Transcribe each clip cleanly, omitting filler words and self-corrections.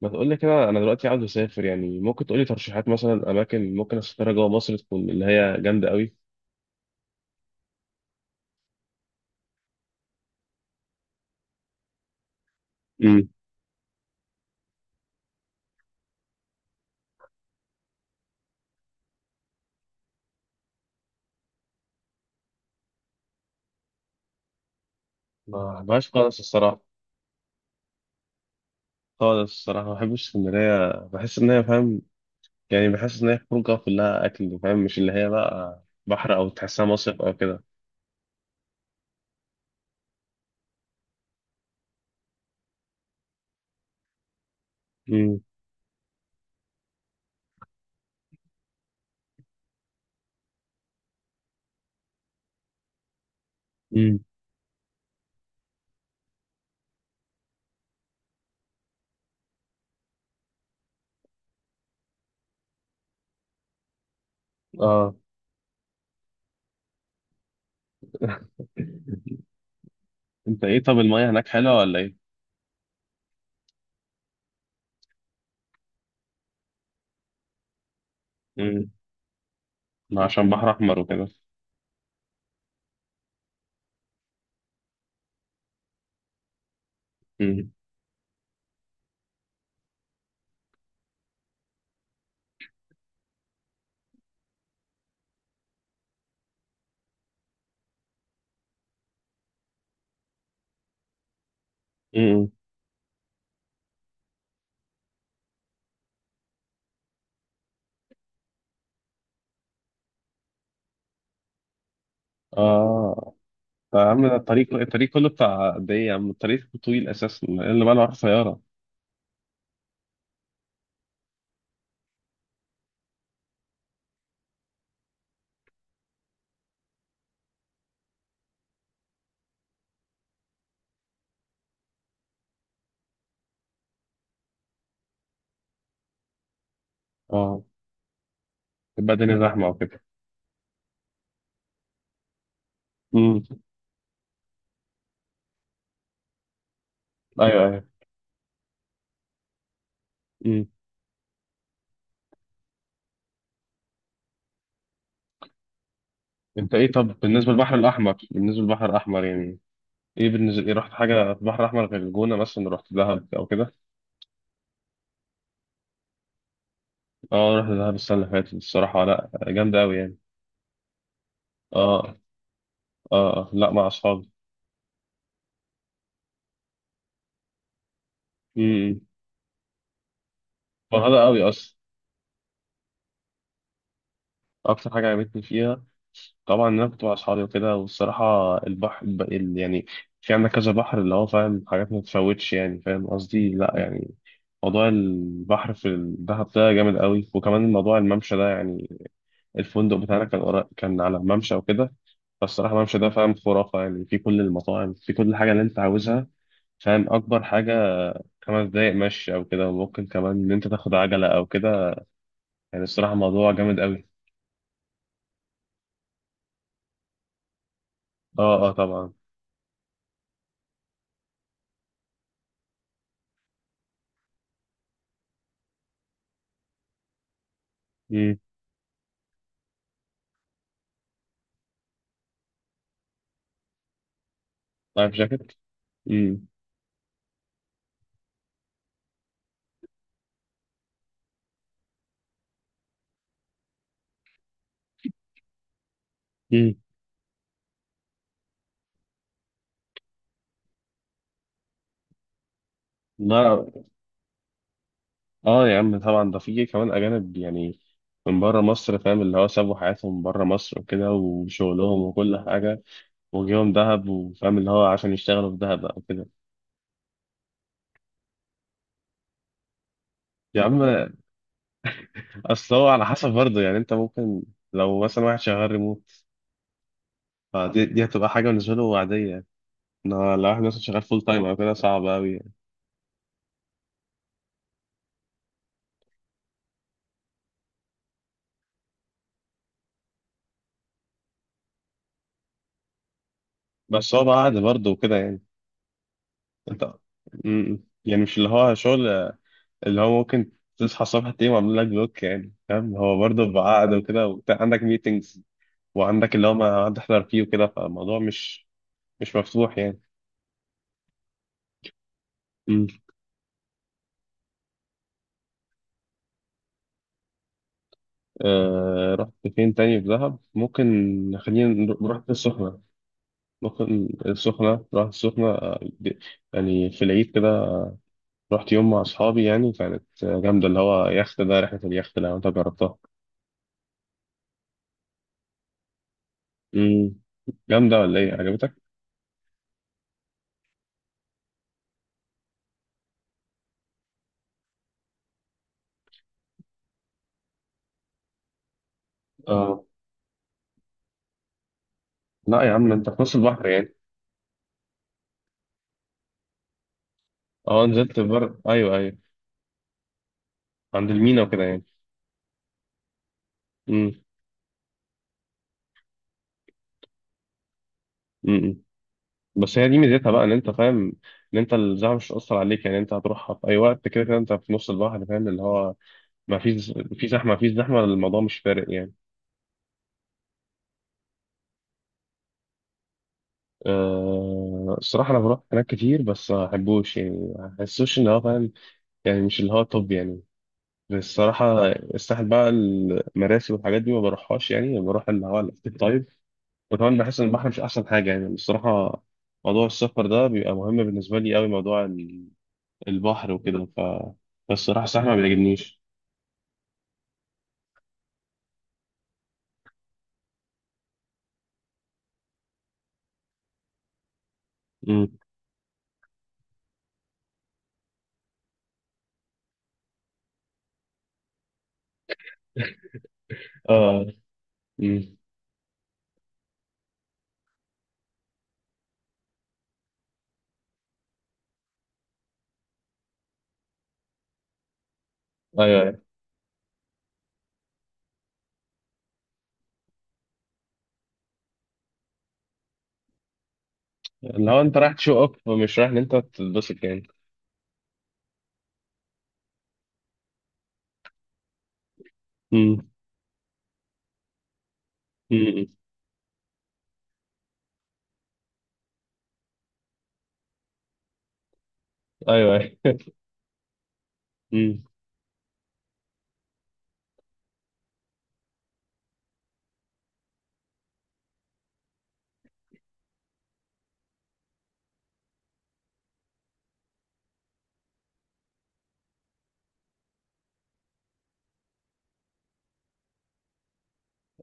ما تقول لي كده، انا دلوقتي عاوز اسافر، يعني ممكن تقول لي ترشيحات؟ مثلا اماكن ممكن اسافرها جوه مصر، تكون اللي هي جامده قوي. امم. ما بحبهاش خالص الصراحه. خالص الصراحه ما بحبش اسكندريه، بحس ان هي، فاهم، يعني بحس ان هي خروجه كلها اكل، فاهم، مش اللي هي بقى بحر او تحسها مصيف او كده. امم. امم. اه. انت ايه؟ طب المايه هناك حلوه ولا ايه؟ امم. ما عشان بحر احمر وكده. امم. امم. اه. طيب يا عم، ده الطريق كله بتاع قد ايه يا عم؟ الطريق طويل اساسا اللي بقى رايح سياره. اه. تبقى الدنيا زحمه وكده. امم. ايوه، ايوه. امم. انت ايه؟ طب بالنسبه للبحر الاحمر يعني، ايه بالنسبه، ايه رحت حاجه في البحر الاحمر غير الجونه؟ مثلا رحت دهب او كده؟ اه، رحت دهب السنه اللي فاتت، الصراحه لا، جامده قوي يعني. اه، اه، لا، مع اصحابي. امم. فرهده قوي اصلا. اكتر حاجه عجبتني فيها طبعا إن انا كنت مع اصحابي وكده، والصراحه البحر يعني، في عندك كذا بحر، اللي هو، فاهم، حاجات ما تتفوتش، يعني فاهم قصدي، لا يعني. موضوع البحر في الدهب ده جامد قوي، وكمان موضوع الممشى ده، يعني الفندق بتاعنا كان كان على ممشى وكده. فالصراحه الممشى ده فاهم خرافه، يعني في كل المطاعم، في كل حاجه اللي انت عاوزها. فاهم، اكبر حاجه 5 دقايق مشي او كده، وممكن كمان ان انت تاخد عجله او كده. يعني الصراحه موضوع جامد قوي. اه، اه، طبعا. امم. لايف جاكيت. مم. لا، اه يا عم طبعا، ده في كمان اجانب يعني، من بره مصر، فاهم، اللي هو سابوا حياتهم بره مصر وكده، وشغلهم وكل حاجه. وجيهم دهب، وفاهم اللي هو عشان يشتغلوا في دهب او كده. يا عم، اصل هو على حسب برضه يعني، انت ممكن، لو مثلا واحد شغال ريموت، فدي هتبقى حاجه بالنسبه له عاديه. انما لو واحد مثلا شغال فول تايم او كده، صعب قوي يعني. بس هو بقى عادي برضه وكده يعني. انت يعني مش اللي هو شغل اللي هو ممكن تصحى الصبح تلاقيهم عاملين لك بلوك، يعني فاهم، هو برضه بعقد وكده وبتاع، عندك ميتنجز، وعندك اللي هو ما هتحضر فيه وكده، فالموضوع مش، مش مفتوح يعني. مم. رحت فين تاني في دهب؟ ممكن خلينا نروح، رحت السخنة، ممكن السخنة، رحت السخنة، يعني في العيد كده رحت يوم مع أصحابي، يعني كانت جامدة. اللي هو يخت، ده رحلة اليخت لو أنت جربتها. مم. جامدة ولا إيه؟ عجبتك؟ اه، لا يا عم، أنت في نص البحر يعني. اه، نزلت بر، ايوه ايوه، عند المينا وكده يعني. امم. امم. بس هي دي ميزتها بقى، ان انت فاهم ان انت الزحمه مش هتأثر عليك، يعني انت هتروحها في اي وقت، كده كده انت في نص البحر، فاهم اللي هو ما فيش، في زحمه ما فيش زحمه، الموضوع مش فارق يعني. أه، الصراحه انا بروح هناك كتير، بس ما بحبوش يعني، ما بحسوش ان هو فاهم، يعني مش اللي هو، طب يعني، بس الصراحة الساحل بقى، المراسي والحاجات دي ما بروحهاش، يعني بروح اللي هو الاكتيف، طيب. وكمان بحس ان البحر مش احسن حاجة يعني، الصراحة موضوع السفر ده بيبقى مهم بالنسبة لي قوي، موضوع البحر وكده، ف فالصراحة ما بيعجبنيش. مم. اه. مم. ايوه ايوه. اللي هو انت رايح تشو اب، مش رايح ان انت تتبسط يعني. مم. مم. ايوه ايوه. مم.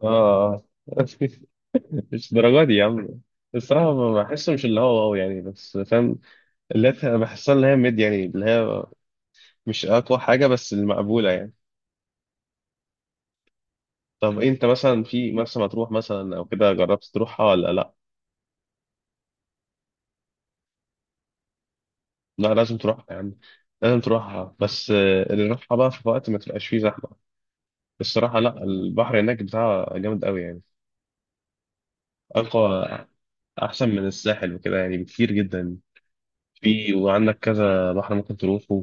اه. مش الدرجة دي يا عم. الصراحة ما بحسه مش اللي هو واو يعني، بس فاهم، اللي هي بحسها اللي هي ميد، يعني اللي هي مش أقوى حاجة، بس المقبولة يعني. طب إيه، أنت مثلا في مرسى مطروح مثلا أو كده جربت تروحها ولا لأ؟ لا لازم تروح يا عم. لازم تروحها، بس اللي نروحها بقى في وقت ما تبقاش فيه زحمة. الصراحة لا، البحر هناك بتاعها جامد قوي يعني. أقوى، أحسن من الساحل وكده يعني، بكتير جدا. في وعندك كذا بحر ممكن تروحه،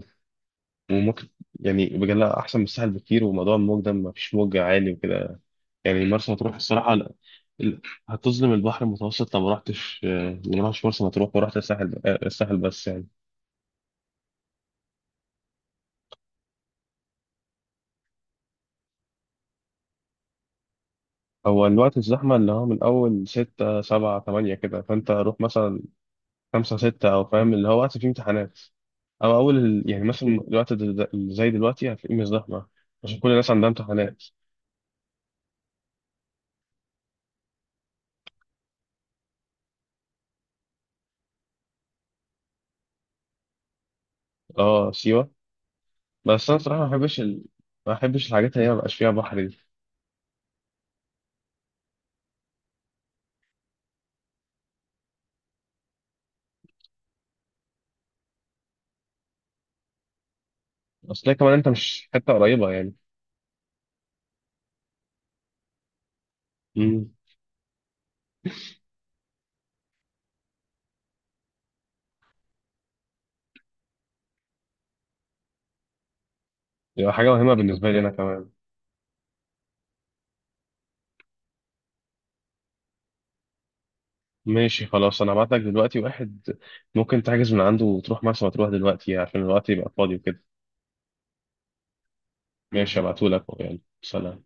وممكن، يعني بجد لا، أحسن من الساحل بكتير. وموضوع الموج ده، مفيش موج عالي وكده، يعني مرسى مطروح الصراحة لا. ال- هتظلم البحر المتوسط لو ما رحتش، لو ما رحتش مرسى مطروح ورحت الساحل، الساحل بس يعني. هو الوقت الزحمة اللي هو من أول 6 7 8 كده، فأنت روح مثلا 5 6، أو فاهم اللي هو وقت فيه امتحانات، أو أول يعني مثلا الوقت اللي زي دلوقتي هتلاقيه مش زحمة، عشان كل الناس عندها امتحانات. أه سيوة، بس أنا صراحة ما بحبش ما بحبش الحاجات اللي هي مبقاش فيها بحر دي. أصل هي كمان، أنت مش حتة قريبة يعني. امم. يبقى حاجة مهمة بالنسبة لي أنا كمان. ماشي خلاص، أنا هبعت لك دلوقتي واحد ممكن تحجز من عنده وتروح مرسى مطروح دلوقتي عشان الوقت يبقى فاضي وكده. ماشي، هبعتهولك، يعني سلام.